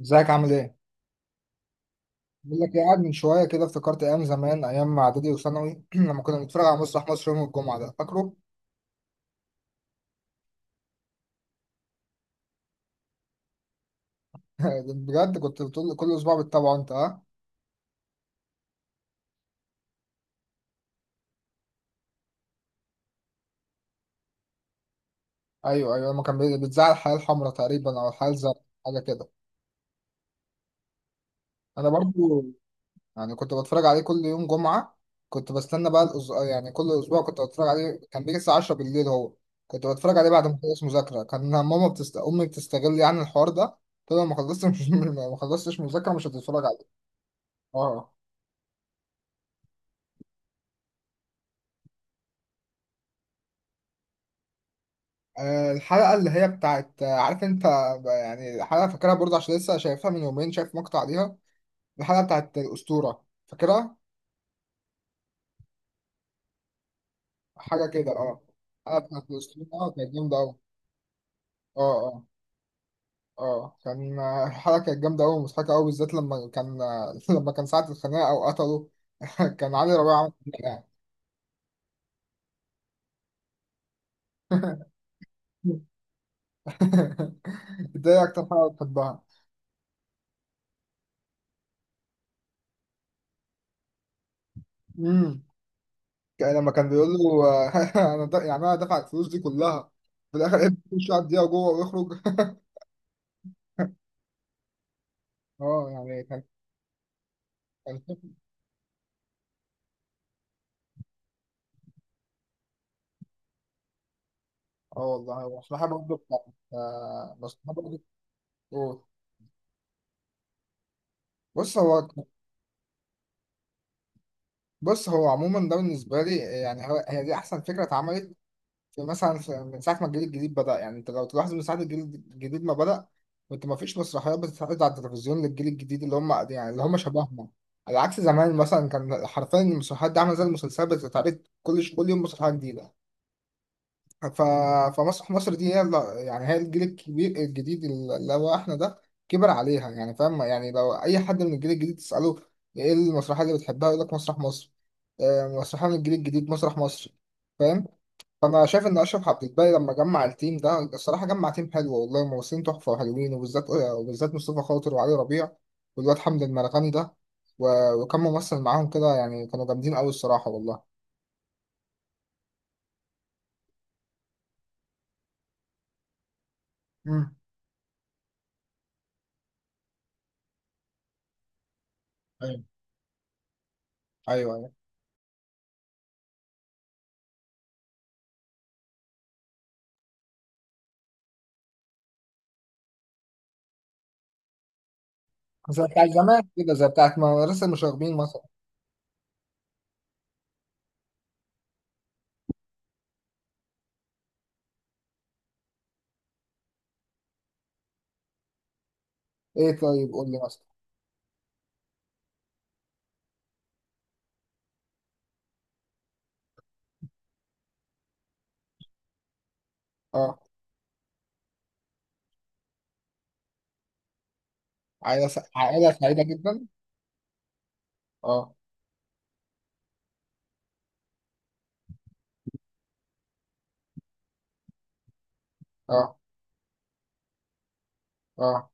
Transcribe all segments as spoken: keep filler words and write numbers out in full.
ازيك عامل ايه؟ بقول لك ايه، قاعد من شويه كده افتكرت ايام زمان، ايام اعدادي وثانوي. لما كنا بنتفرج على مسرح مصر يوم الجمعه ده، فاكره؟ بجد، كنت بتقول كل اسبوع بتتابعه انت، ها؟ ايوه، ايوه، لما كان بي- بيتذاع الحياه الحمراء تقريبا او الحياه الزرقاء، حاجه كده. انا برضو يعني كنت بتفرج عليه كل يوم جمعه. كنت بستنى بقى الأز... يعني كل اسبوع كنت بتفرج عليه، كان بيجي الساعه عشرة بالليل هو. كنت بتفرج عليه بعد ما اخلص مذاكره. كان ماما بتست... امي بتستغل يعني الحوار ده، تقول لو ما خلصتش ما خلصتش مذاكره مش هتتفرج عليه. اه. آه، الحلقة اللي هي بتاعت، آه، عارف انت، ب- يعني الحلقة فاكرها برضه عشان لسه شايفها من يومين، شايف مقطع ليها. الحلقة بتاعت الأسطورة، فاكرها؟ حاجة كده، اه. الحلقة بتاعت الأسطورة اه كانت جامدة أوي. اه، اه، اه، كان آه، الحلقة كانت جامدة أوي ومضحكة أوي، بالذات لما كان، آه، لما كان ساعة الخناقة أو قتله. كان علي ربيع عمل كده يعني. ده إيه أكتر حلقة بتحبها؟ مم. كان- لما كان بيقول له، آه، انا د- يعني انا دافع الفلوس دي كلها. في الاخر قعد يمشي على الدقيقه جوه ويخرج. اه، يعني كان كان، اه والله هو مصلحه برضه بتاعت- آه، مصلحه برضه بتاعت- بص هو بص هو عموما، ده بالنسبه لي يعني هو- هي دي احسن فكره اتعملت. في مثلا في- من ساعة ما الجيل الجديد بدأ، يعني انت لو تلاحظ من ساعة الجيل الجديد ما بدأ، كنت ما فيش مسرحيات بتتعرض على التلفزيون للجيل الجديد اللي هم يعني اللي هم شبهنا. على عكس زمان مثلا كان حرفيا المسرحيات دي عاملة زي المسلسلات بتتعرض كل ش- كل يوم مسرحية جديدة. ف... فمسرح مصر دي هي اللي- يعني هي الجيل الكبير الجديد اللي هو احنا ده كبر عليها، يعني فاهم؟ يعني لو أي حد من الجيل الجديد تسأله ايه المسرحية اللي بتحبها يقول لك مسرح مصر. آه، مسرحية من الجيل الجديد، مسرح مصر. فاهم؟ انا شايف ان اشرف عبد الباقي لما جمع التيم ده، الصراحه جمع تيم حلو والله، ممثلين تحفه وحلوين، وبالذات وبالذات مصطفى خاطر وعلي ربيع والواد حمد المرغني ده، و- وكم ممثل معاهم كده، يعني كانوا جامدين قوي الصراحه والله. امم ايوه، ايوه، ايوه. زي بتاع زمان كده، زي بتاعت مدرسه المشاغبين مثلا. ايه طيب قول لي مثلا. اه، عائله س... عائله سعيده جدا. اه، اه، اه.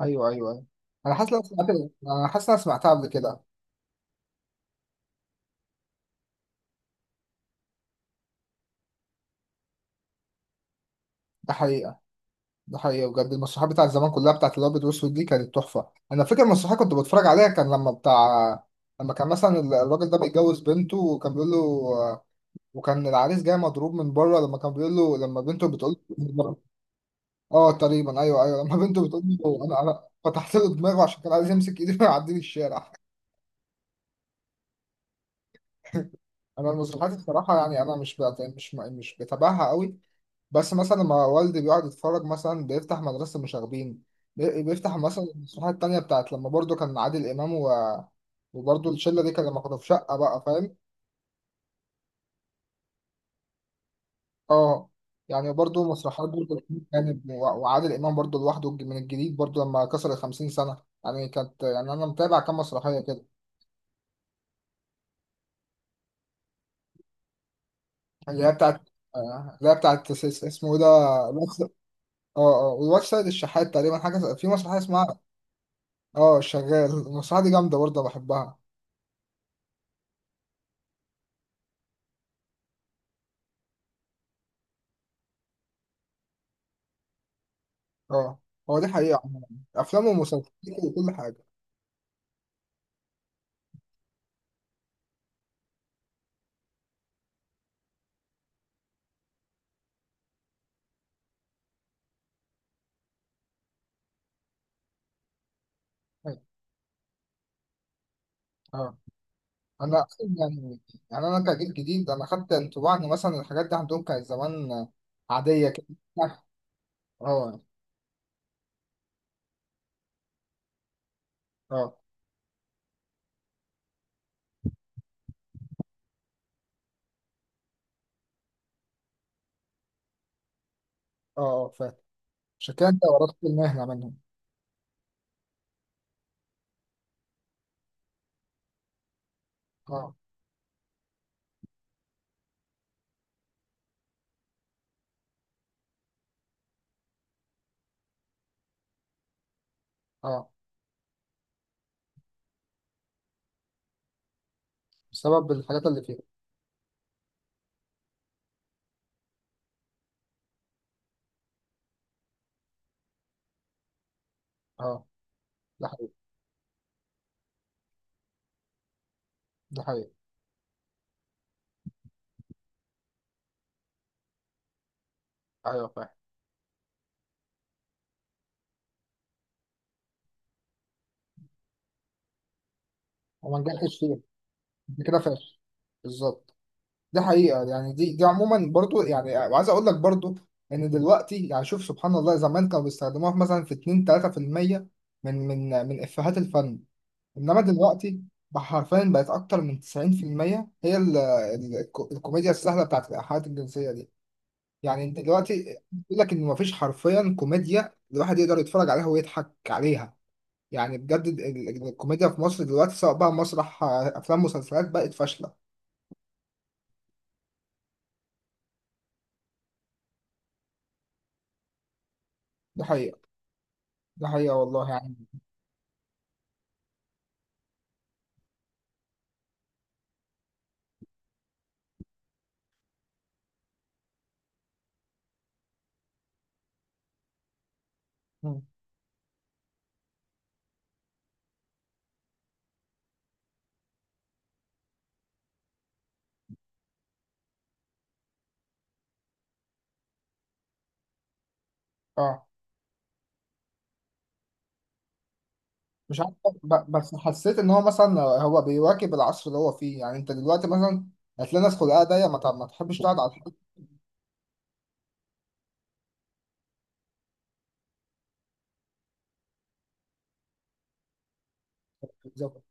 ايوه، ايوه، ايوه. انا حاسس إن انا سمعت انا حاسس إن انا سمعتها قبل كده. ده حقيقه. ده حقيقي بجد. المسرحيات بتاعت زمان كلها بتاعت الابيض والاسود دي كانت تحفه. انا فاكر مسرحيه كنت بتفرج عليها، كان لما بتاع، لما كان مثلا ال- الراجل ده بيتجوز بنته وكان بيقول له، وكان العريس جاي مضروب من بره لما كان بيقول له لما بنته بتقول. اه، تقريبا، ايوه ايوه، لما بنته بتقول له، انا انا فتحت له دماغه عشان كان عايز يمسك ايدي ويعديني الشارع. انا المسرحيات الصراحه يعني انا مش بت... مش مش بتابعها قوي. بس مثلا لما والدي بيقعد يتفرج مثلا بيفتح مدرسة المشاغبين، بي- بيفتح مثلا المسرحية التانية بتاعت لما برضو كان عادل إمام و... وبرضو الشلة دي كان لما كانوا في شقة بقى، فاهم؟ اه، يعني برضو مسرحيات برضو كانت و- وعادل إمام برضو لوحده، الج- من الجديد برضو لما كسر الخمسين سنة، يعني كانت، يعني أنا متابع كام مسرحية كده. اللي هي بتاعت، آه، اللي هي بتاعت س- س- اسمه إيه ده، اه. اه، والواد سيد الشحات تقريبا حاجة في مسرحية اسمها، اه الشغال، المسرحية دي جامدة برضه بحبها. اه، هو دي حقيقة عموما. أفلام ومسلسلات وكل حاجة. أيوة. اه. أنا أصلا يعني، يعني أنا كجيل جديد أنا خدت انطباع إن مثلا الحاجات دي عندهم كانت زمان عادية كده. اه، اه، اه، اه، فاهم. عشان كده أنت ورثت المهنة منهم. اه، اه، بسبب الحاجات اللي فيها. اه، ده حقيقي. ده حقيقي، أيوه فاهم. وما نجحش فيها. أنت كده فاشل. بالظبط. ده حقيقة يعني، دي دي عموما برضو يعني، وعايز اقول لك برضو ان دلوقتي يعني، شوف سبحان الله، زمان كانوا بيستخدموها في مثلا في اتنين تلاته في المية من من من افيهات الفن. انما دلوقتي بقى حرفيا بقت اكتر من تسعين في المية، هي ال ال الكو- الكوميديا السهلة بتاعت الإيحاءات الجنسية دي. يعني انت دلوقتي بيقول لك ان مفيش حرفيا كوميديا الواحد يقدر يتفرج عليها ويضحك عليها. يعني بجد ال- ال- الكوميديا في مصر دلوقتي سواء بقى مسرح افلام مسلسلات بقت فاشلة. ده حقيقة. ده حقيقة والله. يعني اه مش عارف. ب- بس حسيت ان هو مثلا هو بيواكب العصر اللي هو فيه. يعني انت دلوقتي مثلا هتلاقي ناس خلقها ضيق ما تع- ما تحبش تقعد على الحاجة. بالظبط.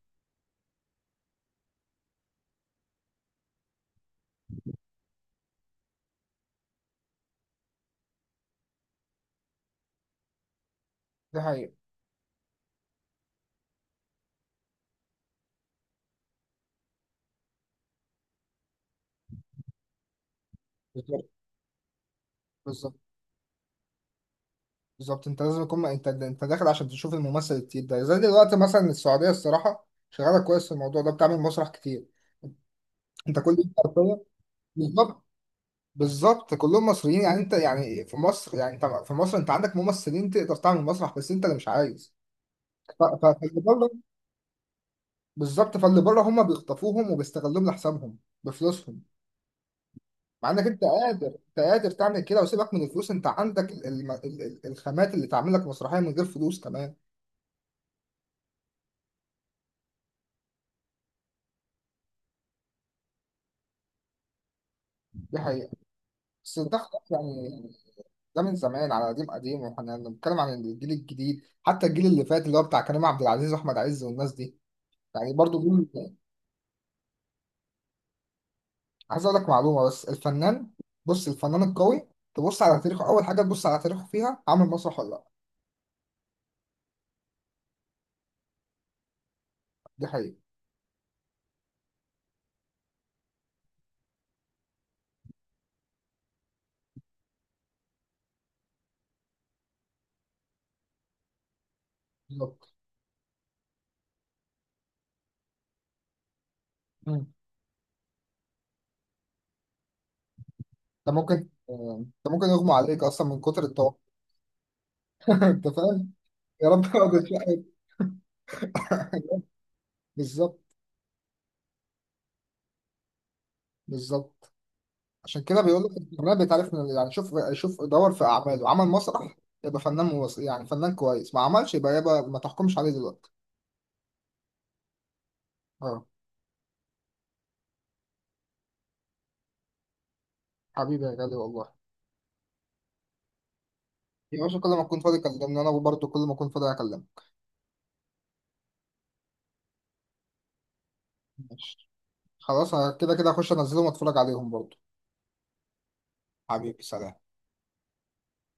دي حقيقة. بالظبط. بالظبط. بالظبط انت لازم يكون انت انت داخل عشان تشوف الممثل التقيل ده، زي دلوقتي مثلا السعودية الصراحة شغالة كويس في الموضوع ده، بتعمل مسرح كتير. انت كل يوم حرفياً. بالظبط. بالظبط كلهم مصريين، يعني انت، يعني في مصر، يعني انت في مصر انت عندك ممثلين تقدر تعمل مسرح، بس انت اللي مش عايز. بالظبط. فاللي بره هم بيخطفوهم وبيستغلوهم لحسابهم بفلوسهم، مع انك انت قادر انت قادر تعمل كده، وسيبك من الفلوس، انت عندك ال- الم- ال- ال- الخامات اللي تعمل لك مسرحيه من غير فلوس كمان. دي حقيقه. بس ده خلاص يعني، ده من زمان على قديم قديم، واحنا بنتكلم عن الجيل الجديد، حتى الجيل اللي فات اللي هو بتاع كريم عبد العزيز واحمد عز والناس دي، يعني برضو جيل. عايز اقول لك معلومه بس، الفنان، بص الفنان القوي تبص على تاريخه، اول حاجه تبص على تاريخه فيها عامل مسرح ولا لا. دي حقيقه. بالظبط. ده ممكن، آه، ده ممكن يغمى عليك اصلا من كتر الطاقه. انت فاهم. يا رب ما كنتش عارف. بالظبط. بالظبط عشان كده بيقول لك الفنان بيتعرف من، يعني شوف شوف دور في اعماله عمل مسرح يبقى فنان، موس... يعني فنان كويس. ما عملش يبقى يبقى ما تحكمش عليه دلوقتي. اه. حبيبي يا غالي والله. يا باشا كل ما اكون فاضي كلمني، انا برضه كل ما اكون فاضي اكلمك. ماشي. خلاص أنا كده كده هخش انزلهم واتفرج عليهم برضه. حبيبي، سلام.